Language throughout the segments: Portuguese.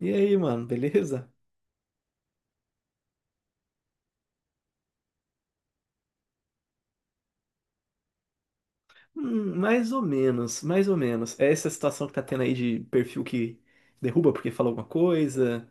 E aí, mano, beleza? Mais ou menos, mais ou menos. É essa situação que tá tendo aí de perfil que derruba porque falou alguma coisa.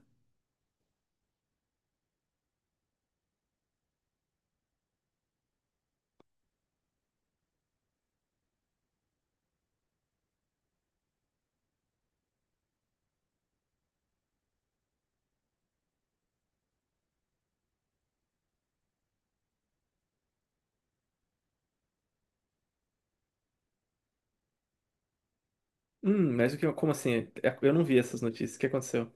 Mas o que, como assim? Eu não vi essas notícias. O que aconteceu?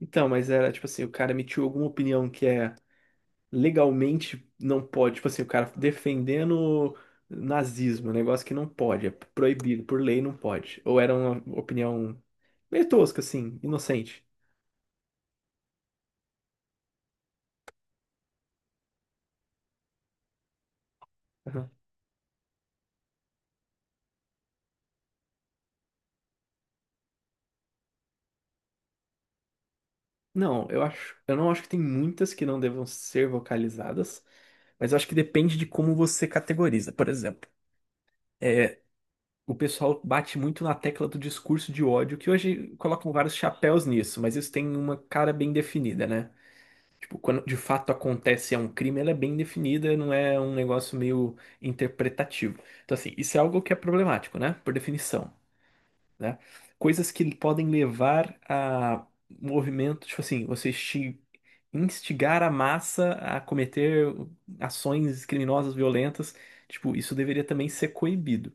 Então, mas era tipo assim, o cara emitiu alguma opinião que é legalmente não pode, tipo assim, o cara defendendo nazismo, um negócio que não pode, é proibido, por lei não pode. Ou era uma opinião meio tosca, assim, inocente. Não, eu acho, eu não acho que tem muitas que não devam ser vocalizadas, mas eu acho que depende de como você categoriza. Por exemplo, é, o pessoal bate muito na tecla do discurso de ódio, que hoje colocam vários chapéus nisso, mas isso tem uma cara bem definida, né? Tipo, quando de fato acontece é um crime, ela é bem definida, não é um negócio meio interpretativo. Então, assim, isso é algo que é problemático, né? Por definição, né? Coisas que podem levar a movimentos, tipo assim, você instigar a massa a cometer ações criminosas violentas, tipo, isso deveria também ser coibido,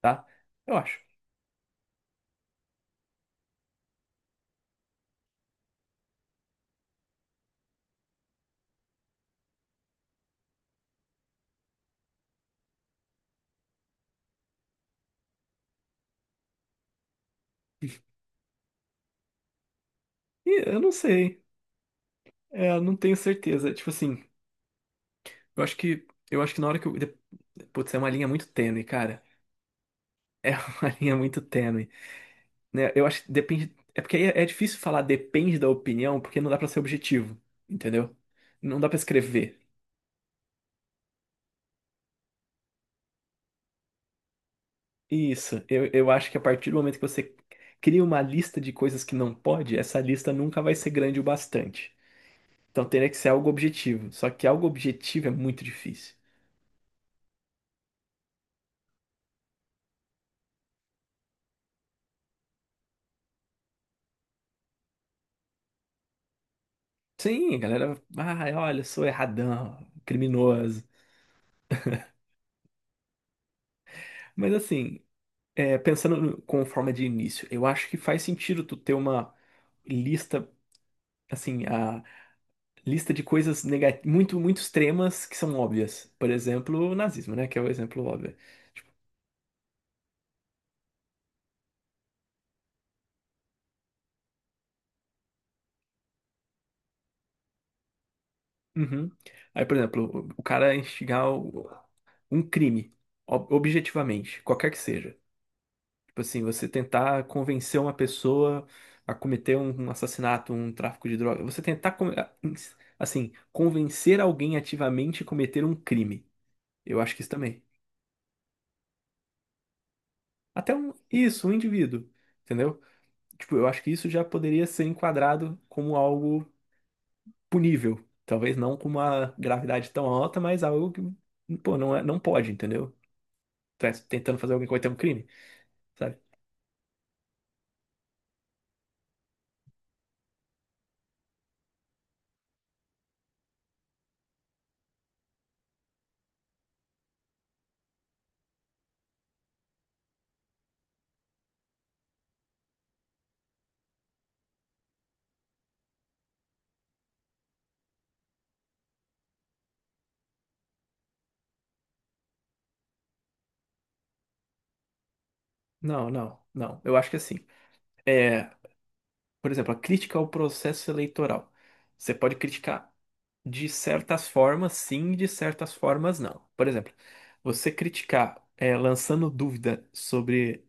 tá? Eu acho. E eu não sei, eu não tenho certeza. Tipo assim, eu acho que na hora que eu Putz, é uma linha muito tênue, cara. É uma linha muito tênue, né? Eu acho que depende. É porque aí é difícil falar depende da opinião, porque não dá pra ser objetivo, entendeu? Não dá pra escrever. Isso, eu acho que a partir do momento que você cria uma lista de coisas que não pode, essa lista nunca vai ser grande o bastante. Então teria que ser algo objetivo. Só que algo objetivo é muito difícil. Sim, a galera, ah, olha, eu sou erradão, criminoso. Mas assim, pensando com forma de início, eu acho que faz sentido tu ter uma lista, assim, a lista de coisas muito, muito extremas que são óbvias. Por exemplo, o nazismo, né? Que é o exemplo óbvio. Uhum. Aí, por exemplo, o cara instigar um crime, objetivamente, qualquer que seja. Tipo assim, você tentar convencer uma pessoa a cometer um assassinato, um tráfico de drogas, você tentar, assim, convencer alguém ativamente a cometer um crime. Eu acho que isso também. Até um, isso, um indivíduo, entendeu? Tipo, eu acho que isso já poderia ser enquadrado como algo punível. Talvez não com uma gravidade tão alta, mas algo que, pô, não é, não pode, entendeu? Tá tentando fazer alguém cometer um crime, sabe? Não, não, não. Eu acho que assim, é, por exemplo, a crítica ao processo eleitoral. Você pode criticar de certas formas, sim, de certas formas, não. Por exemplo, você criticar, lançando dúvida sobre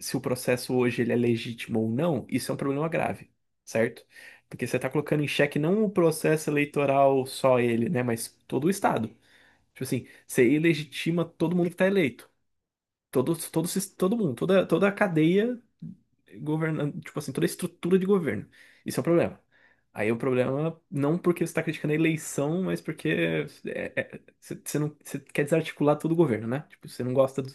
se o processo hoje ele é legítimo ou não, isso é um problema grave, certo? Porque você está colocando em xeque não o processo eleitoral só ele, né, mas todo o Estado. Tipo assim, você ilegitima todo mundo que está eleito. Todo, todo mundo, toda a cadeia governando, tipo assim, toda a estrutura de governo. Isso é um problema. Aí o problema, não porque você está criticando a eleição, mas porque você não, você quer desarticular todo o governo, né? Tipo, você não gosta do...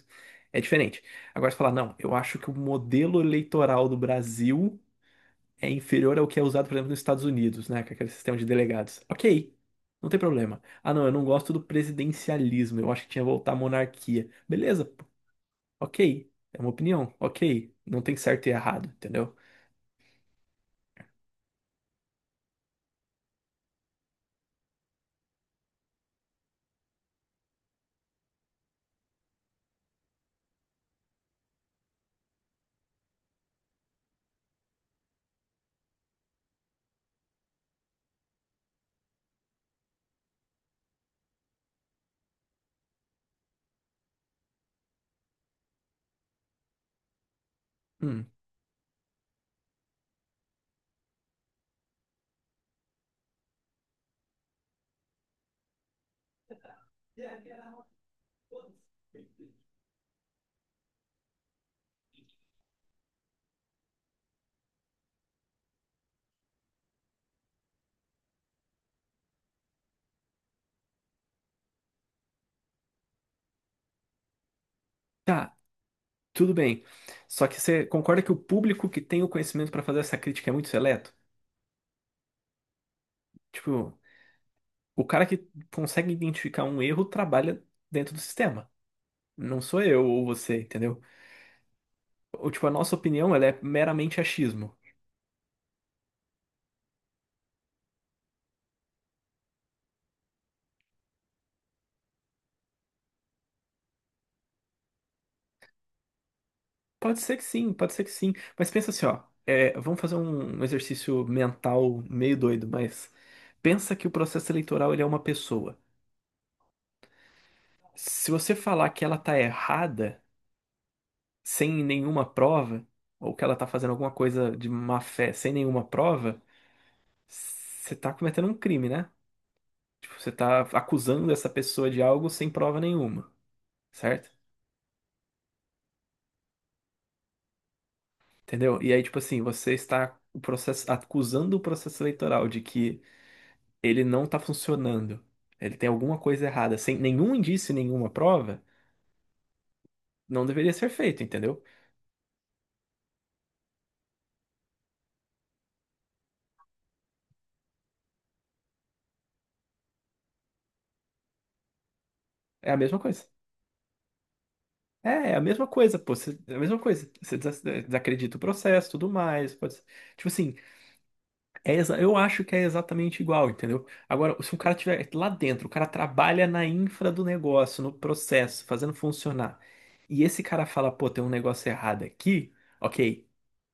É diferente. Agora você fala, não, eu acho que o modelo eleitoral do Brasil é inferior ao que é usado, por exemplo, nos Estados Unidos, né? Com aquele sistema de delegados. Ok, não tem problema. Ah, não, eu não gosto do presidencialismo, eu acho que tinha que voltar à monarquia. Beleza, ok, é uma opinião. Ok, não tem certo e errado, entendeu? Hum, tá, tudo bem. Só que você concorda que o público que tem o conhecimento pra fazer essa crítica é muito seleto? Tipo, o cara que consegue identificar um erro trabalha dentro do sistema. Não sou eu ou você, entendeu? Ou tipo, a nossa opinião, ela é meramente achismo. Pode ser que sim, pode ser que sim. Mas pensa assim, ó. Vamos fazer um exercício mental meio doido, mas pensa que o processo eleitoral ele é uma pessoa. Se você falar que ela tá errada, sem nenhuma prova, ou que ela tá fazendo alguma coisa de má fé sem nenhuma prova, você tá cometendo um crime, né? Tipo, você tá acusando essa pessoa de algo sem prova nenhuma, certo? Entendeu? E aí, tipo assim, você está o processo, acusando o processo eleitoral de que ele não tá funcionando, ele tem alguma coisa errada, sem nenhum indício, nenhuma prova, não deveria ser feito, entendeu? É a mesma coisa. É, é a mesma coisa, pô. É a mesma coisa. Você desacredita o processo, tudo mais. Tipo assim, eu acho que é exatamente igual, entendeu? Agora, se um cara tiver lá dentro, o cara trabalha na infra do negócio, no processo, fazendo funcionar, e esse cara fala, pô, tem um negócio errado aqui, ok,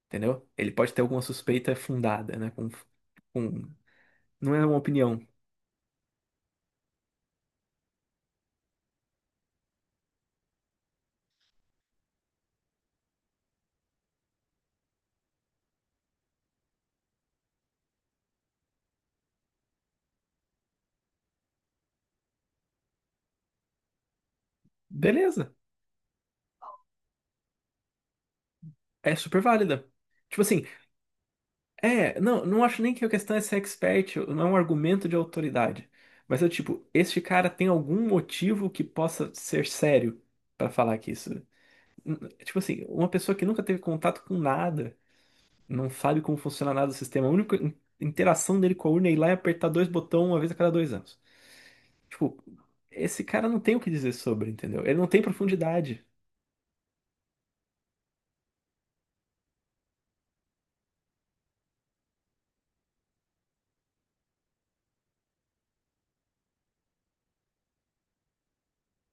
entendeu? Ele pode ter alguma suspeita fundada, né? Com... Não é uma opinião. Beleza, é super válida. Tipo assim, não, não acho nem que a questão é ser expert, não é um argumento de autoridade. Mas eu, tipo, este cara tem algum motivo que possa ser sério pra falar que isso. Tipo assim, uma pessoa que nunca teve contato com nada, não sabe como funciona nada do sistema, a única interação dele com a urna é ir lá e apertar dois botões uma vez a cada 2 anos. Tipo, esse cara não tem o que dizer sobre, entendeu? Ele não tem profundidade.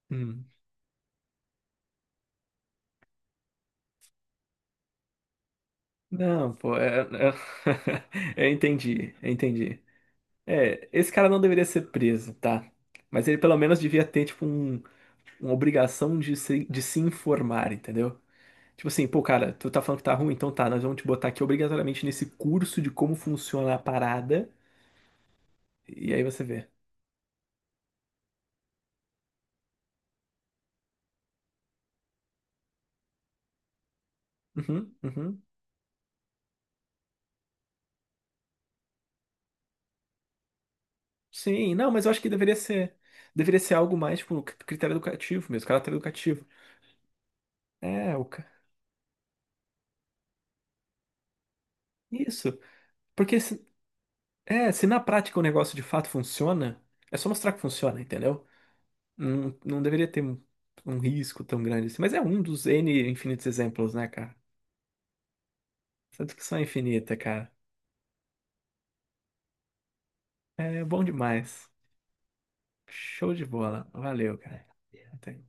Hum. Não, pô, eu entendi, eu entendi. É, esse cara não deveria ser preso, tá? Mas ele pelo menos devia ter, tipo, um, uma obrigação de se informar, entendeu? Tipo assim, pô, cara, tu tá falando que tá ruim, então tá, nós vamos te botar aqui obrigatoriamente nesse curso de como funciona a parada, e aí você vê. Uhum, uhum. Sim, não, mas eu acho que deveria ser algo mais, tipo, critério educativo mesmo, caráter educativo. É, Isso, porque se na prática o negócio de fato funciona, é só mostrar que funciona, entendeu? Não, não deveria ter um risco tão grande assim. Mas é um dos N infinitos exemplos, né, cara? Essa discussão é infinita, cara. É bom demais. Show de bola. Valeu, cara. Até.